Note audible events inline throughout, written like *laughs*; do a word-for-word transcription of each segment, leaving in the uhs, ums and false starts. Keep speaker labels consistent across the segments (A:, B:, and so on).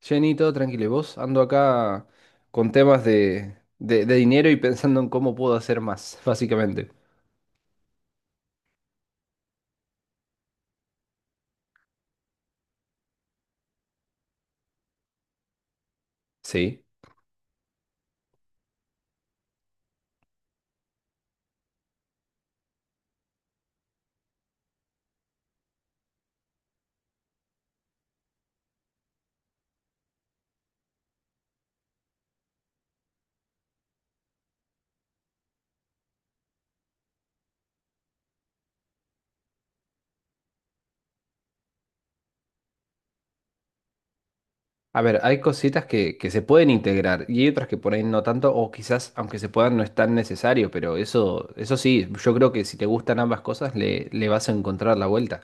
A: Jenny, todo tranquilo. ¿Y vos? Ando acá con temas de, de- de dinero y pensando en cómo puedo hacer más, *laughs* básicamente. Sí. A ver, hay cositas que, que se pueden integrar y hay otras que por ahí no tanto, o quizás aunque se puedan no es tan necesario, pero eso, eso sí, yo creo que si te gustan ambas cosas le, le vas a encontrar la vuelta.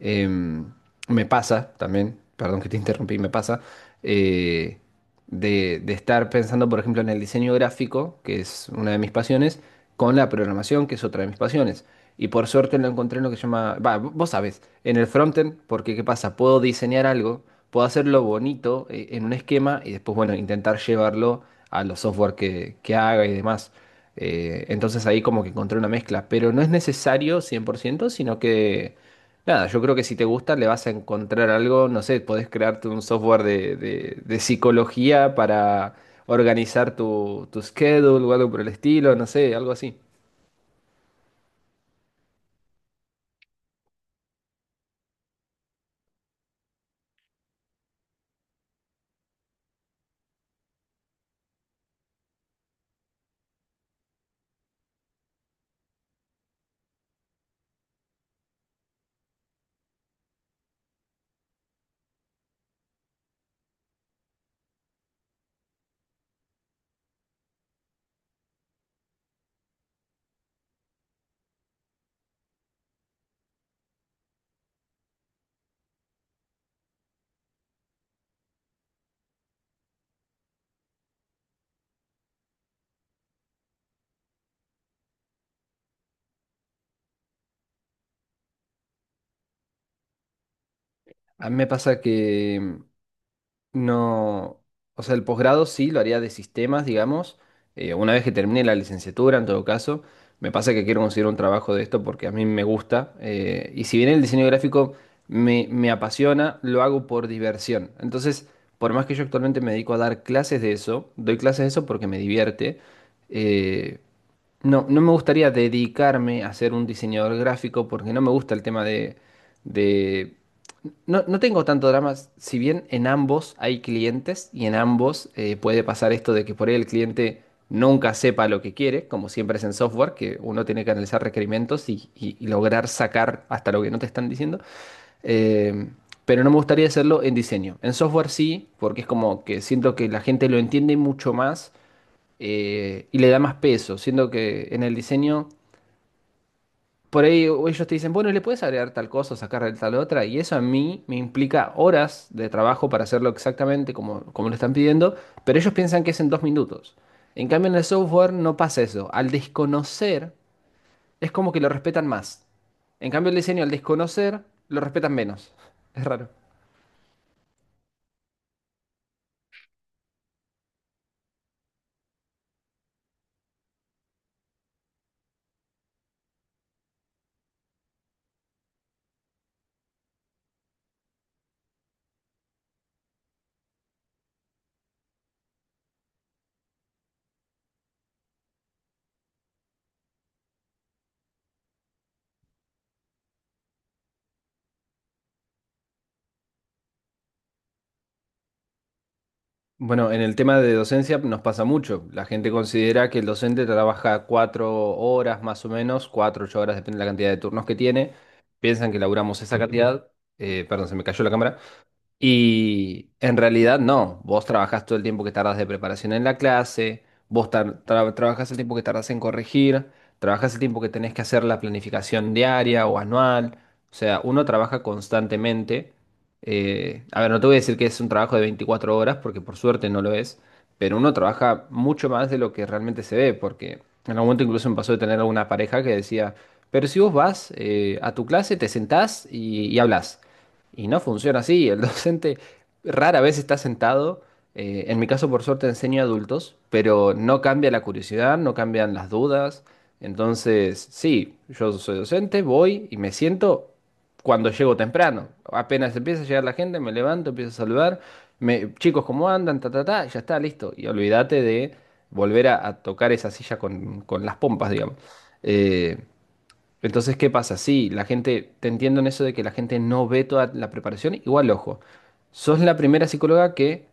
A: Em, Me pasa también, perdón que te interrumpí, me pasa eh, de, de estar pensando, por ejemplo, en el diseño gráfico, que es una de mis pasiones, con la programación, que es otra de mis pasiones. Y por suerte lo encontré en lo que se llama, va, v- vos sabés, en el frontend, porque ¿qué pasa? Puedo diseñar algo, puedo hacerlo bonito eh, en un esquema y después, bueno, intentar llevarlo a los software que, que haga y demás. Eh, entonces ahí como que encontré una mezcla, pero no es necesario cien por ciento sino que nada, yo creo que si te gusta le vas a encontrar algo, no sé, podés crearte un software de, de- de psicología para organizar tu, tu schedule o algo por el estilo, no sé, algo así. A mí me pasa que no, o sea, el posgrado sí lo haría de sistemas, digamos, eh, una vez que termine la licenciatura, en todo caso, me pasa que quiero conseguir un trabajo de esto porque a mí me gusta, eh, y si bien el diseño gráfico me, me apasiona, lo hago por diversión. Entonces, por más que yo actualmente me dedico a dar clases de eso, doy clases de eso porque me divierte, eh, no, no me gustaría dedicarme a ser un diseñador gráfico porque no me gusta el tema de, de no, no tengo tanto drama, si bien en ambos hay clientes y en ambos eh, puede pasar esto de que por ahí el cliente nunca sepa lo que quiere, como siempre es en software, que uno tiene que analizar requerimientos y, y- y lograr sacar hasta lo que no te están diciendo. Eh, pero no me gustaría hacerlo en diseño. En software sí, porque es como que siento que la gente lo entiende mucho más eh, y le da más peso. Siento que en el diseño... Por ahí ellos te dicen, bueno, le puedes agregar tal cosa, o sacar tal otra, y eso a mí me implica horas de trabajo para hacerlo exactamente como, como lo están pidiendo, pero ellos piensan que es en dos minutos. En cambio, en el software no pasa eso. Al desconocer, es como que lo respetan más. En cambio, el diseño, al desconocer, lo respetan menos. *laughs* Es raro. Bueno, en el tema de docencia nos pasa mucho. La gente considera que el docente trabaja cuatro horas más o menos, cuatro, ocho horas, depende de la cantidad de turnos que tiene. Piensan que laburamos esa cantidad. Eh, perdón, se me cayó la cámara. Y en realidad no, vos trabajás todo el tiempo que tardas de preparación en la clase, vos tar- tra- trabajás el tiempo que tardas en corregir, trabajás el tiempo que tenés que hacer la planificación diaria o anual, o sea, uno trabaja constantemente. Eh, a ver, no te voy a decir que es un trabajo de veinticuatro horas, porque por suerte no lo es, pero uno trabaja mucho más de lo que realmente se ve, porque en algún momento incluso me pasó de tener alguna pareja que decía, pero si vos vas eh, a tu clase, te sentás y, y hablas. Y no funciona así. El *laughs* docente rara vez está sentado. Eh, en mi caso, por suerte, enseño a adultos, pero no cambia la curiosidad, no cambian las dudas. Entonces, sí, yo soy docente, voy y me siento cuando llego temprano. Apenas empieza a llegar la gente, me levanto, empiezo a saludar. Me, chicos, ¿cómo andan? Ta, ta, ta, ya está, listo. Y olvídate de volver a, a tocar esa silla con, con las pompas, digamos. Eh, entonces, ¿qué pasa? Sí, la gente, te entiendo en eso de que la gente no ve toda la preparación. Igual, ojo, sos la primera psicóloga que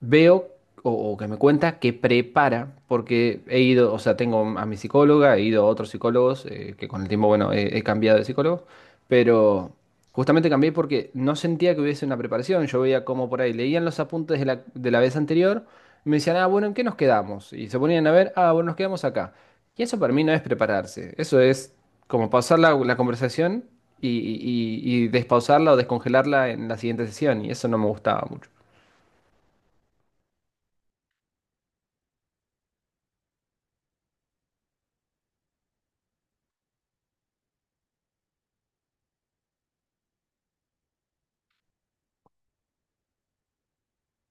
A: veo o, o que me cuenta que prepara, porque he ido, o sea, tengo a mi psicóloga, he ido a otros psicólogos, eh, que con el tiempo, bueno, he, he cambiado de psicólogo, pero justamente cambié porque no sentía que hubiese una preparación. Yo veía como por ahí, leían los apuntes de la, de la vez anterior, me decían, ah, bueno, ¿en qué nos quedamos? Y se ponían a ver, ah, bueno, nos quedamos acá. Y eso para mí no es prepararse, eso es como pausar la, la conversación y, y y- y despausarla o descongelarla en la siguiente sesión, y eso no me gustaba mucho.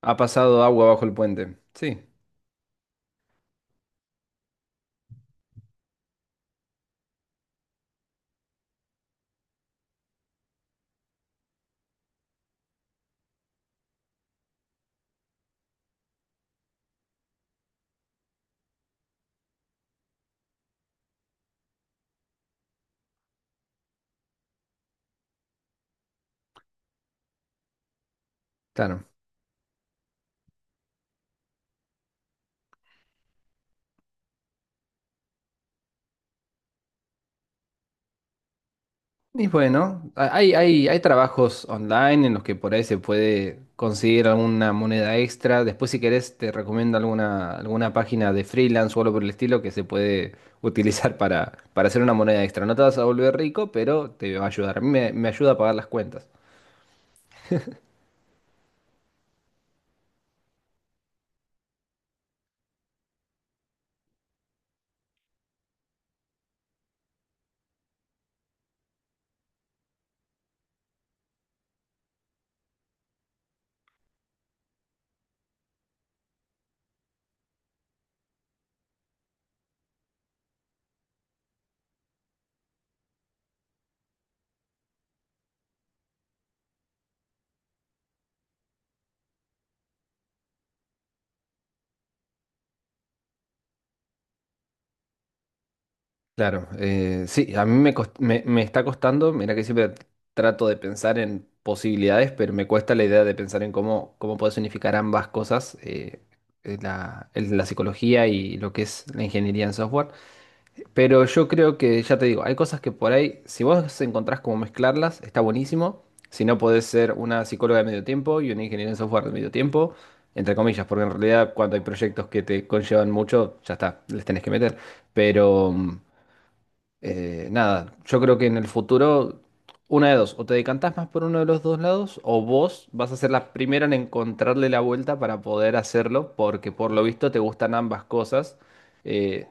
A: Ha pasado agua bajo el puente. Sí, claro. Y bueno, a- hay, hay, hay trabajos online en los que por ahí se puede conseguir alguna moneda extra. Después, si querés, te recomiendo alguna, alguna página de freelance o algo por el estilo que se puede *laughs* utilizar para, para hacer una moneda extra. No te vas a volver rico, pero te va a ayudar. A mí me, me ayuda a pagar las cuentas. Claro, eh, sí, a mí me, cost- me, me está costando, mira que siempre trato de pensar en posibilidades, pero me cuesta la idea de pensar en cómo, cómo puedes unificar ambas cosas, eh, eh, la, el- la psicología y lo que es la ingeniería en software. Pero yo creo que, ya te digo, hay cosas que por ahí, si vos encontrás cómo mezclarlas, está buenísimo. Si no, podés ser una psicóloga de medio tiempo y una ingeniera en software de medio tiempo, entre comillas, porque en realidad cuando hay proyectos que te conllevan mucho, ya está, les tenés que meter. Pero... mm, eh, nada, yo creo que en el futuro, una de dos, o te decantás más por uno de los dos lados, o vos vas a ser la primera en encontrarle la vuelta para poder hacerlo, porque por lo visto te gustan ambas cosas. Eh,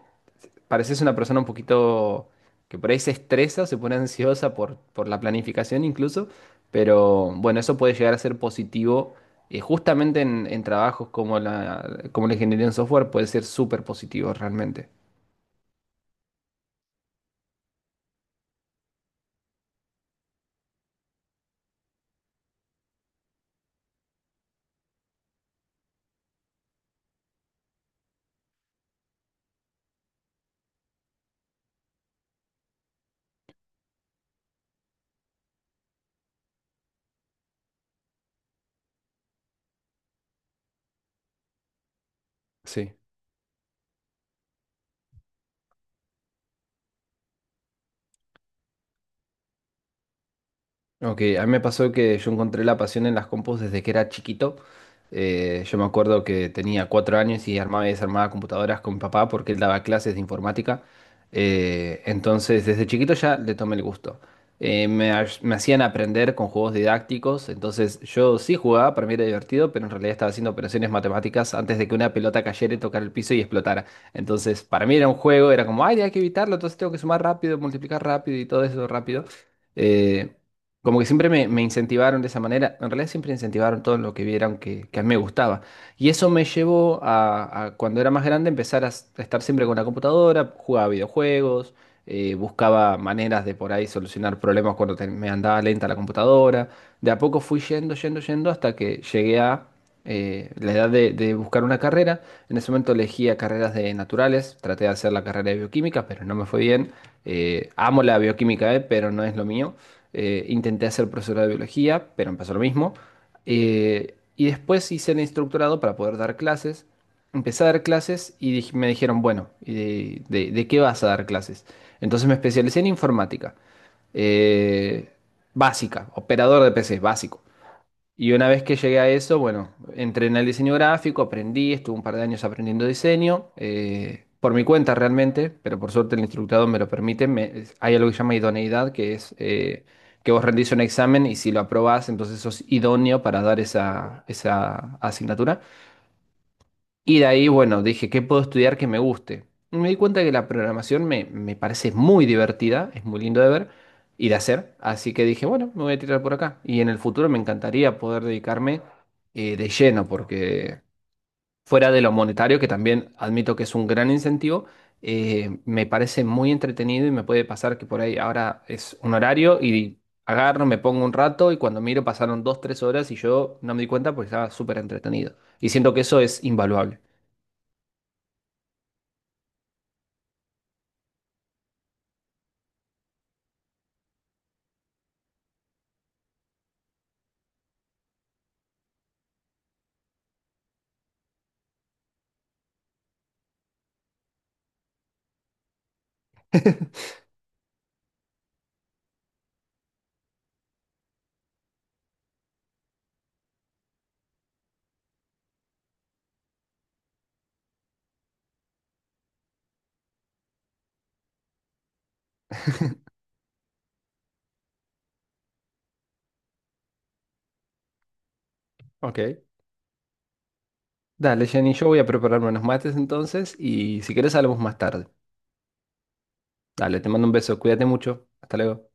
A: Pareces una persona un poquito que por ahí se estresa, se pone ansiosa por, por la planificación incluso, pero bueno, eso puede llegar a ser positivo. Eh, justamente en, en trabajos como la, como la ingeniería en software puede ser súper positivo realmente. Sí. Ok, a mí me pasó que yo encontré la pasión en las compus desde que era chiquito. Eh, yo me acuerdo que tenía cuatro años y armaba y desarmaba computadoras con mi papá porque él daba clases de informática. Eh, entonces, desde chiquito ya le tomé el gusto. Eh, me, ha- me hacían aprender con juegos didácticos, entonces yo sí jugaba, para mí era divertido, pero en realidad estaba haciendo operaciones matemáticas antes de que una pelota cayera y tocara el piso y explotara. Entonces, para mí era un juego, era como, ay, hay que evitarlo, entonces tengo que sumar rápido, multiplicar rápido y todo eso rápido. Eh, Como que siempre me, me incentivaron de esa manera, en realidad siempre incentivaron todo lo que vieran que, que a mí me gustaba. Y eso me llevó a, a cuando era más grande empezar a s- a estar siempre con la computadora, jugaba videojuegos, eh, buscaba maneras de por ahí solucionar problemas cuando te- me andaba lenta la computadora. De a poco fui yendo, yendo, yendo hasta que llegué a eh, la edad de, de buscar una carrera. En ese momento elegía carreras de naturales, traté de hacer la carrera de bioquímica, pero no me fue bien. Eh, amo la bioquímica, eh, pero no es lo mío. Eh, intenté hacer profesora de biología, pero empezó lo mismo. Eh, y después hice el instructorado para poder dar clases. Empecé a dar clases y dij- me dijeron, bueno, ¿y de, de- de qué vas a dar clases? Entonces me especialicé en informática. eh, Básica, operador de P C, básico. Y una vez que llegué a eso, bueno, entré en el diseño gráfico, aprendí, estuve un par de años aprendiendo diseño, eh, por mi cuenta realmente, pero por suerte el instructor me lo permite. Me- es- hay algo que se llama idoneidad, que es eh, que vos rendís un examen y si lo aprobás, entonces sos idóneo para dar esa, esa asignatura. Y de ahí, bueno, dije, ¿qué puedo estudiar que me guste? Y me di cuenta que la programación me, me parece muy divertida, es muy lindo de ver y de hacer, así que dije, bueno, me voy a tirar por acá. Y en el futuro me encantaría poder dedicarme eh, de lleno, porque fuera de lo monetario, que también admito que es un gran incentivo, eh, me parece muy entretenido y me puede pasar que por ahí ahora es un horario y agarro, me pongo un rato y cuando miro pasaron dos, tres horas y yo no me di cuenta porque estaba súper entretenido. Y siento que eso es invaluable. Ok. Dale, Jenny, yo voy a prepararme unos mates entonces y si quieres hablamos más tarde. Dale, te mando un beso, cuídate mucho. Hasta luego.